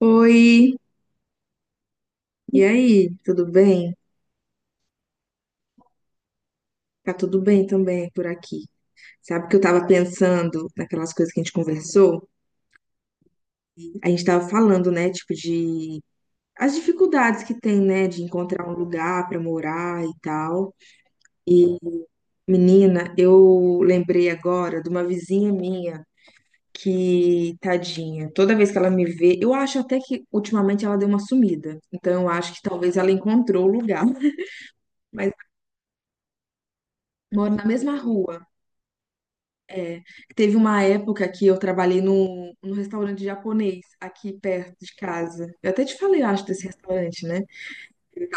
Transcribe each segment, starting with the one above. Oi, e aí, tudo bem? Tá tudo bem também por aqui. Sabe que eu tava pensando naquelas coisas que a gente conversou? A gente tava falando, né, tipo de as dificuldades que tem, né, de encontrar um lugar pra morar e tal. E menina, eu lembrei agora de uma vizinha minha que, tadinha, toda vez que ela me vê, eu acho até que ultimamente ela deu uma sumida. Então eu acho que talvez ela encontrou o lugar, mas mora na mesma rua. É, teve uma época que eu trabalhei num restaurante japonês aqui perto de casa. Eu até te falei, eu acho, desse restaurante, né? Eu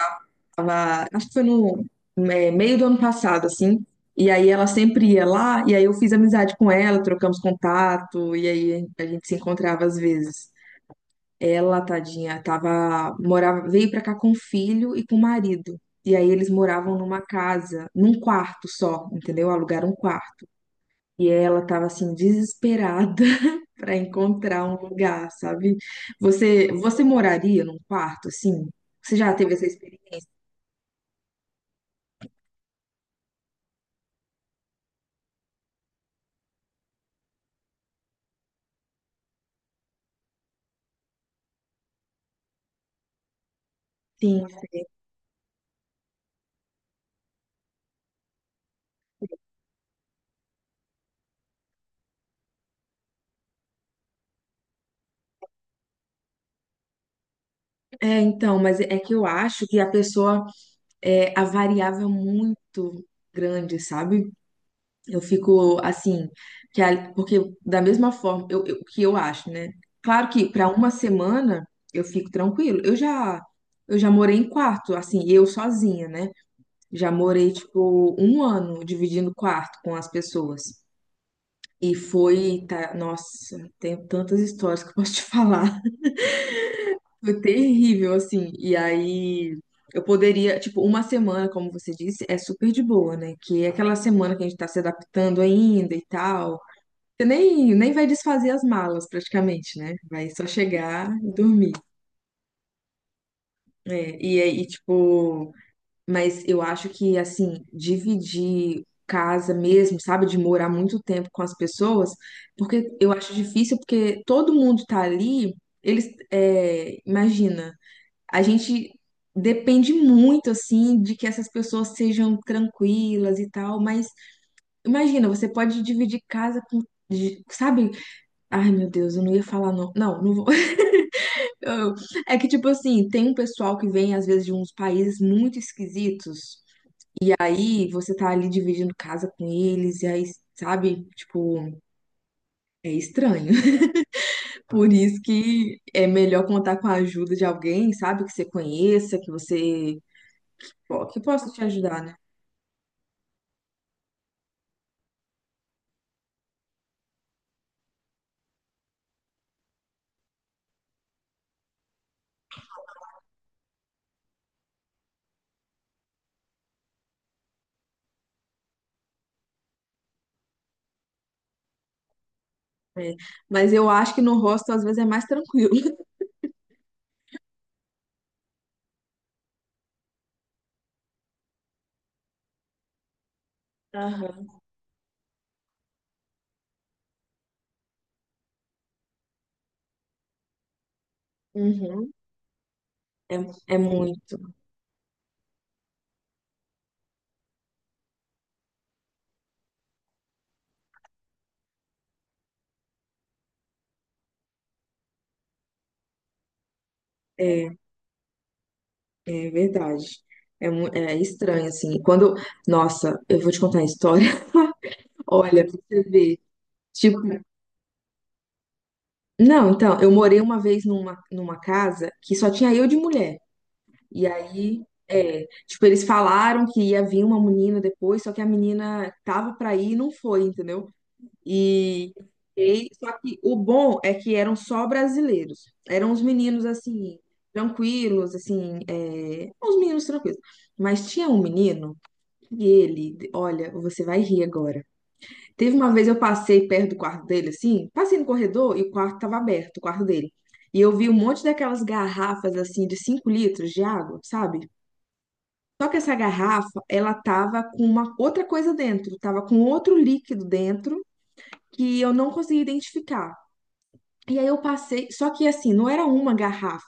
tava, acho que foi no meio do ano passado, assim. E aí ela sempre ia lá, e aí eu fiz amizade com ela, trocamos contato, e aí a gente se encontrava às vezes. Ela, tadinha, tava, morava, veio pra cá com o filho e com o marido. E aí eles moravam numa casa, num quarto só, entendeu? Alugaram um quarto. E ela tava assim, desesperada para encontrar um lugar, sabe? Você moraria num quarto, assim? Você já teve essa experiência? Sim, sim. É, então, mas é que eu acho que a pessoa é a variável é muito grande, sabe? Eu fico assim, porque da mesma forma, o que eu acho, né? Claro que para uma semana eu fico tranquilo. Eu já morei em quarto, assim, eu sozinha, né? Já morei tipo um ano dividindo quarto com as pessoas. E foi, tá, nossa, tenho tantas histórias que eu posso te falar. Foi terrível, assim. E aí eu poderia, tipo, uma semana, como você disse, é super de boa, né? Que é aquela semana que a gente tá se adaptando ainda e tal. Você nem vai desfazer as malas praticamente, né? Vai só chegar e dormir. É, e aí, tipo, mas eu acho que, assim, dividir casa mesmo, sabe, de morar muito tempo com as pessoas, porque eu acho difícil, porque todo mundo tá ali, eles, é, imagina, a gente depende muito, assim, de que essas pessoas sejam tranquilas e tal, mas imagina, você pode dividir casa com. Sabe? Ai, meu Deus, eu não ia falar não. Não, não vou. Eu- É que, tipo assim, tem um pessoal que vem, às vezes, de uns países muito esquisitos aí você tá ali dividindo casa com eles, e aí, sabe, tipo, é estranho. Por isso que é melhor contar com a ajuda de alguém, sabe, que você conheça, que você, pô, que possa te ajudar, né? É, mas eu acho que no hostel às vezes é mais tranquilo. Aham. Uhum. É, é muito, é, é verdade. É, é estranho, assim. Quando, nossa, eu vou te contar a história. Olha, pra você ver. Tipo, não, então, eu morei uma vez numa casa que só tinha eu de mulher. E aí, é, tipo, eles falaram que ia vir uma menina depois, só que a menina tava pra ir e não foi, entendeu? E, só que o bom é que eram só brasileiros. Eram uns meninos assim, tranquilos, assim, é, uns meninos tranquilos. Mas tinha um menino que ele, olha, você vai rir agora. Teve uma vez eu passei perto do quarto dele, assim, passei no corredor e o quarto estava aberto, o quarto dele. E eu vi um monte daquelas garrafas, assim, de 5 litros de água, sabe? Só que essa garrafa, ela tava com uma outra coisa dentro, tava com outro líquido dentro que eu não conseguia identificar. E aí eu passei, só que assim, não era uma garrafa,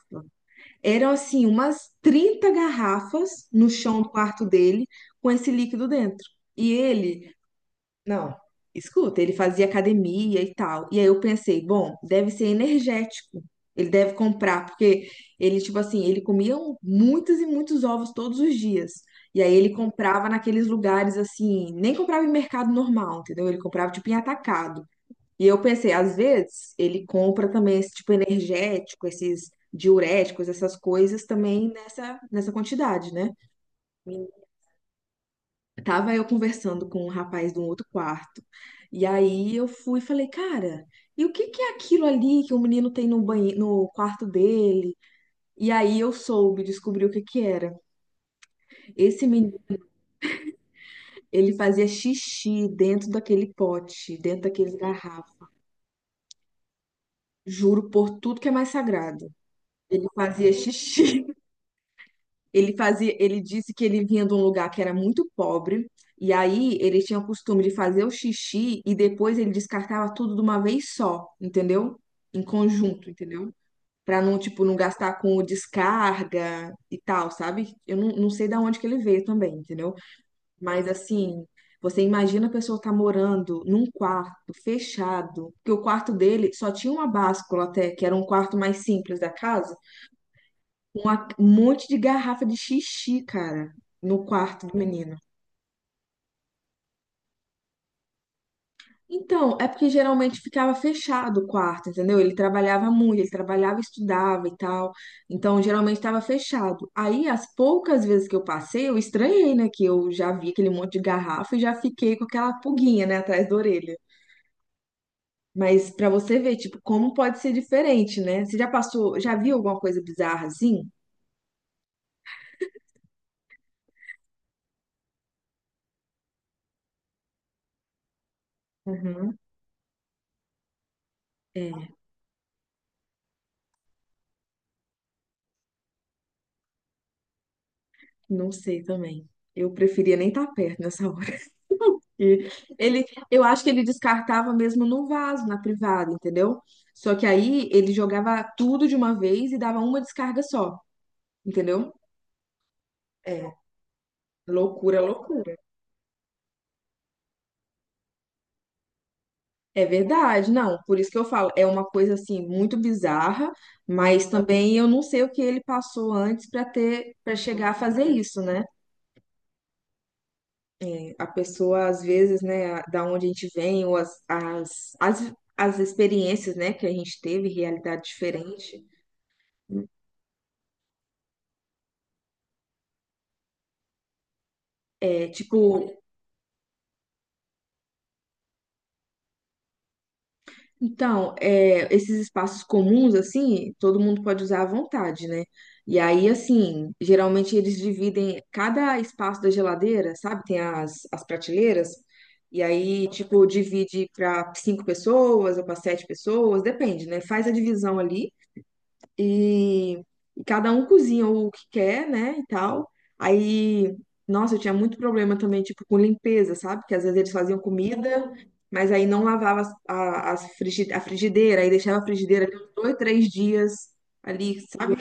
eram assim umas 30 garrafas no chão do quarto dele com esse líquido dentro. E ele não, escuta, ele fazia academia e tal. E aí eu pensei, bom, deve ser energético. Ele deve comprar, porque ele, tipo assim, ele comia muitos e muitos ovos todos os dias. E aí ele comprava naqueles lugares assim, nem comprava em mercado normal, entendeu? Ele comprava tipo em atacado. E eu pensei, às vezes ele compra também esse tipo energético, esses diuréticos, essas coisas também nessa quantidade, né? Tava eu conversando com um rapaz de um outro quarto. E aí eu fui e falei, cara, e o que que é aquilo ali que o menino tem no banheiro, no quarto dele? E aí eu soube, descobri o que que era. Esse menino, ele fazia xixi dentro daquele pote, dentro daquele garrafa. Juro por tudo que é mais sagrado. Ele fazia xixi. Ele fazia, ele disse que ele vinha de um lugar que era muito pobre, e aí ele tinha o costume de fazer o xixi e depois ele descartava tudo de uma vez só, entendeu? Em conjunto, entendeu? Pra não, tipo, não gastar com descarga e tal, sabe? Eu não sei da onde que ele veio também, entendeu? Mas assim, você imagina a pessoa tá morando num quarto fechado, que o quarto dele só tinha uma báscula até, que era um quarto mais simples da casa um monte de garrafa de xixi, cara, no quarto do menino. Então, é porque geralmente ficava fechado o quarto, entendeu? Ele trabalhava muito, ele trabalhava, estudava e tal. Então, geralmente estava fechado. Aí, as poucas vezes que eu passei, eu estranhei, né? Que eu já vi aquele monte de garrafa e já fiquei com aquela pulguinha, né, atrás da orelha. Mas pra você ver, tipo, como pode ser diferente, né? Você já passou, já viu alguma coisa bizarra assim? Uhum. É, não sei também. Eu preferia nem estar perto nessa e ele, eu acho que ele descartava mesmo no vaso, na privada, entendeu? Só que aí ele jogava tudo de uma vez e dava uma descarga só, entendeu? É, loucura, loucura. É verdade, não. Por isso que eu falo, é uma coisa assim muito bizarra, mas também eu não sei o que ele passou antes para ter, para chegar a fazer isso, né? A pessoa às vezes, né, da onde a gente vem ou as experiências, né, que a gente teve, realidade diferente. É, tipo, então, é, esses espaços comuns, assim, todo mundo pode usar à vontade, né? E aí, assim, geralmente eles dividem cada espaço da geladeira, sabe? Tem as prateleiras, e aí, tipo, divide para cinco pessoas ou para sete pessoas, depende, né? Faz a divisão ali. E, e cada um cozinha o que quer, né, e tal. Aí, nossa, eu tinha muito problema também, tipo, com limpeza, sabe? Porque às vezes eles faziam comida, mas aí não lavava as a frigideira, aí deixava a frigideira ali uns dois, três dias ali, sabe?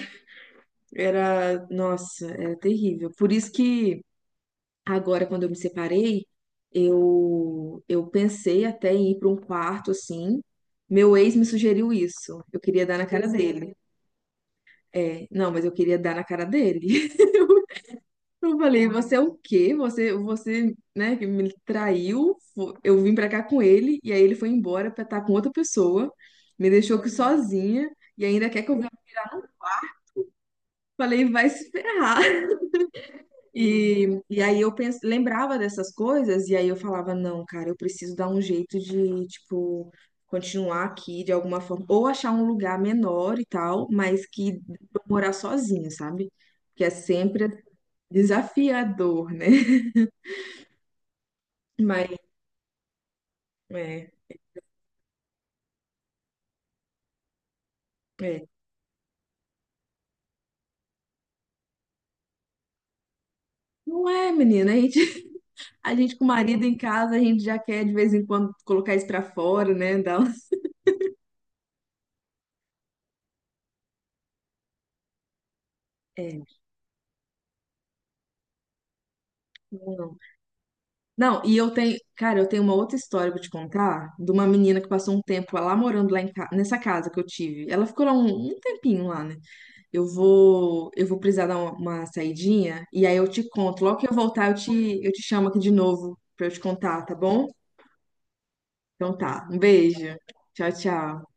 Era, nossa, era terrível. Por isso que agora, quando eu me separei, eu pensei até em ir para um quarto, assim. Meu ex me sugeriu isso. Eu queria dar na cara dele. É, não, mas eu queria dar na cara dele. Eu falei, você é o quê? Você, você, né, que me traiu. Eu vim pra cá com ele e aí ele foi embora pra estar com outra pessoa, me deixou aqui sozinha e ainda quer que eu vá. Falei, vai se ferrar. E aí eu lembrava dessas coisas e aí eu falava, não, cara, eu preciso dar um jeito de, tipo, continuar aqui de alguma forma ou achar um lugar menor e tal, mas que eu morar sozinha, sabe? Que é sempre desafiador, né? Mas é, é. Não é, menina. A gente com o marido em casa, a gente já quer de vez em quando colocar isso pra fora, né? É, não. Não, e eu tenho, cara, eu tenho uma outra história pra te contar de uma menina que passou um tempo lá morando lá nessa casa que eu tive. Ela ficou lá um tempinho lá, né? Eu vou precisar dar uma saidinha e aí eu te conto. Logo que eu voltar, eu te chamo aqui de novo pra eu te contar, tá bom? Então tá. Um beijo. Tchau, tchau.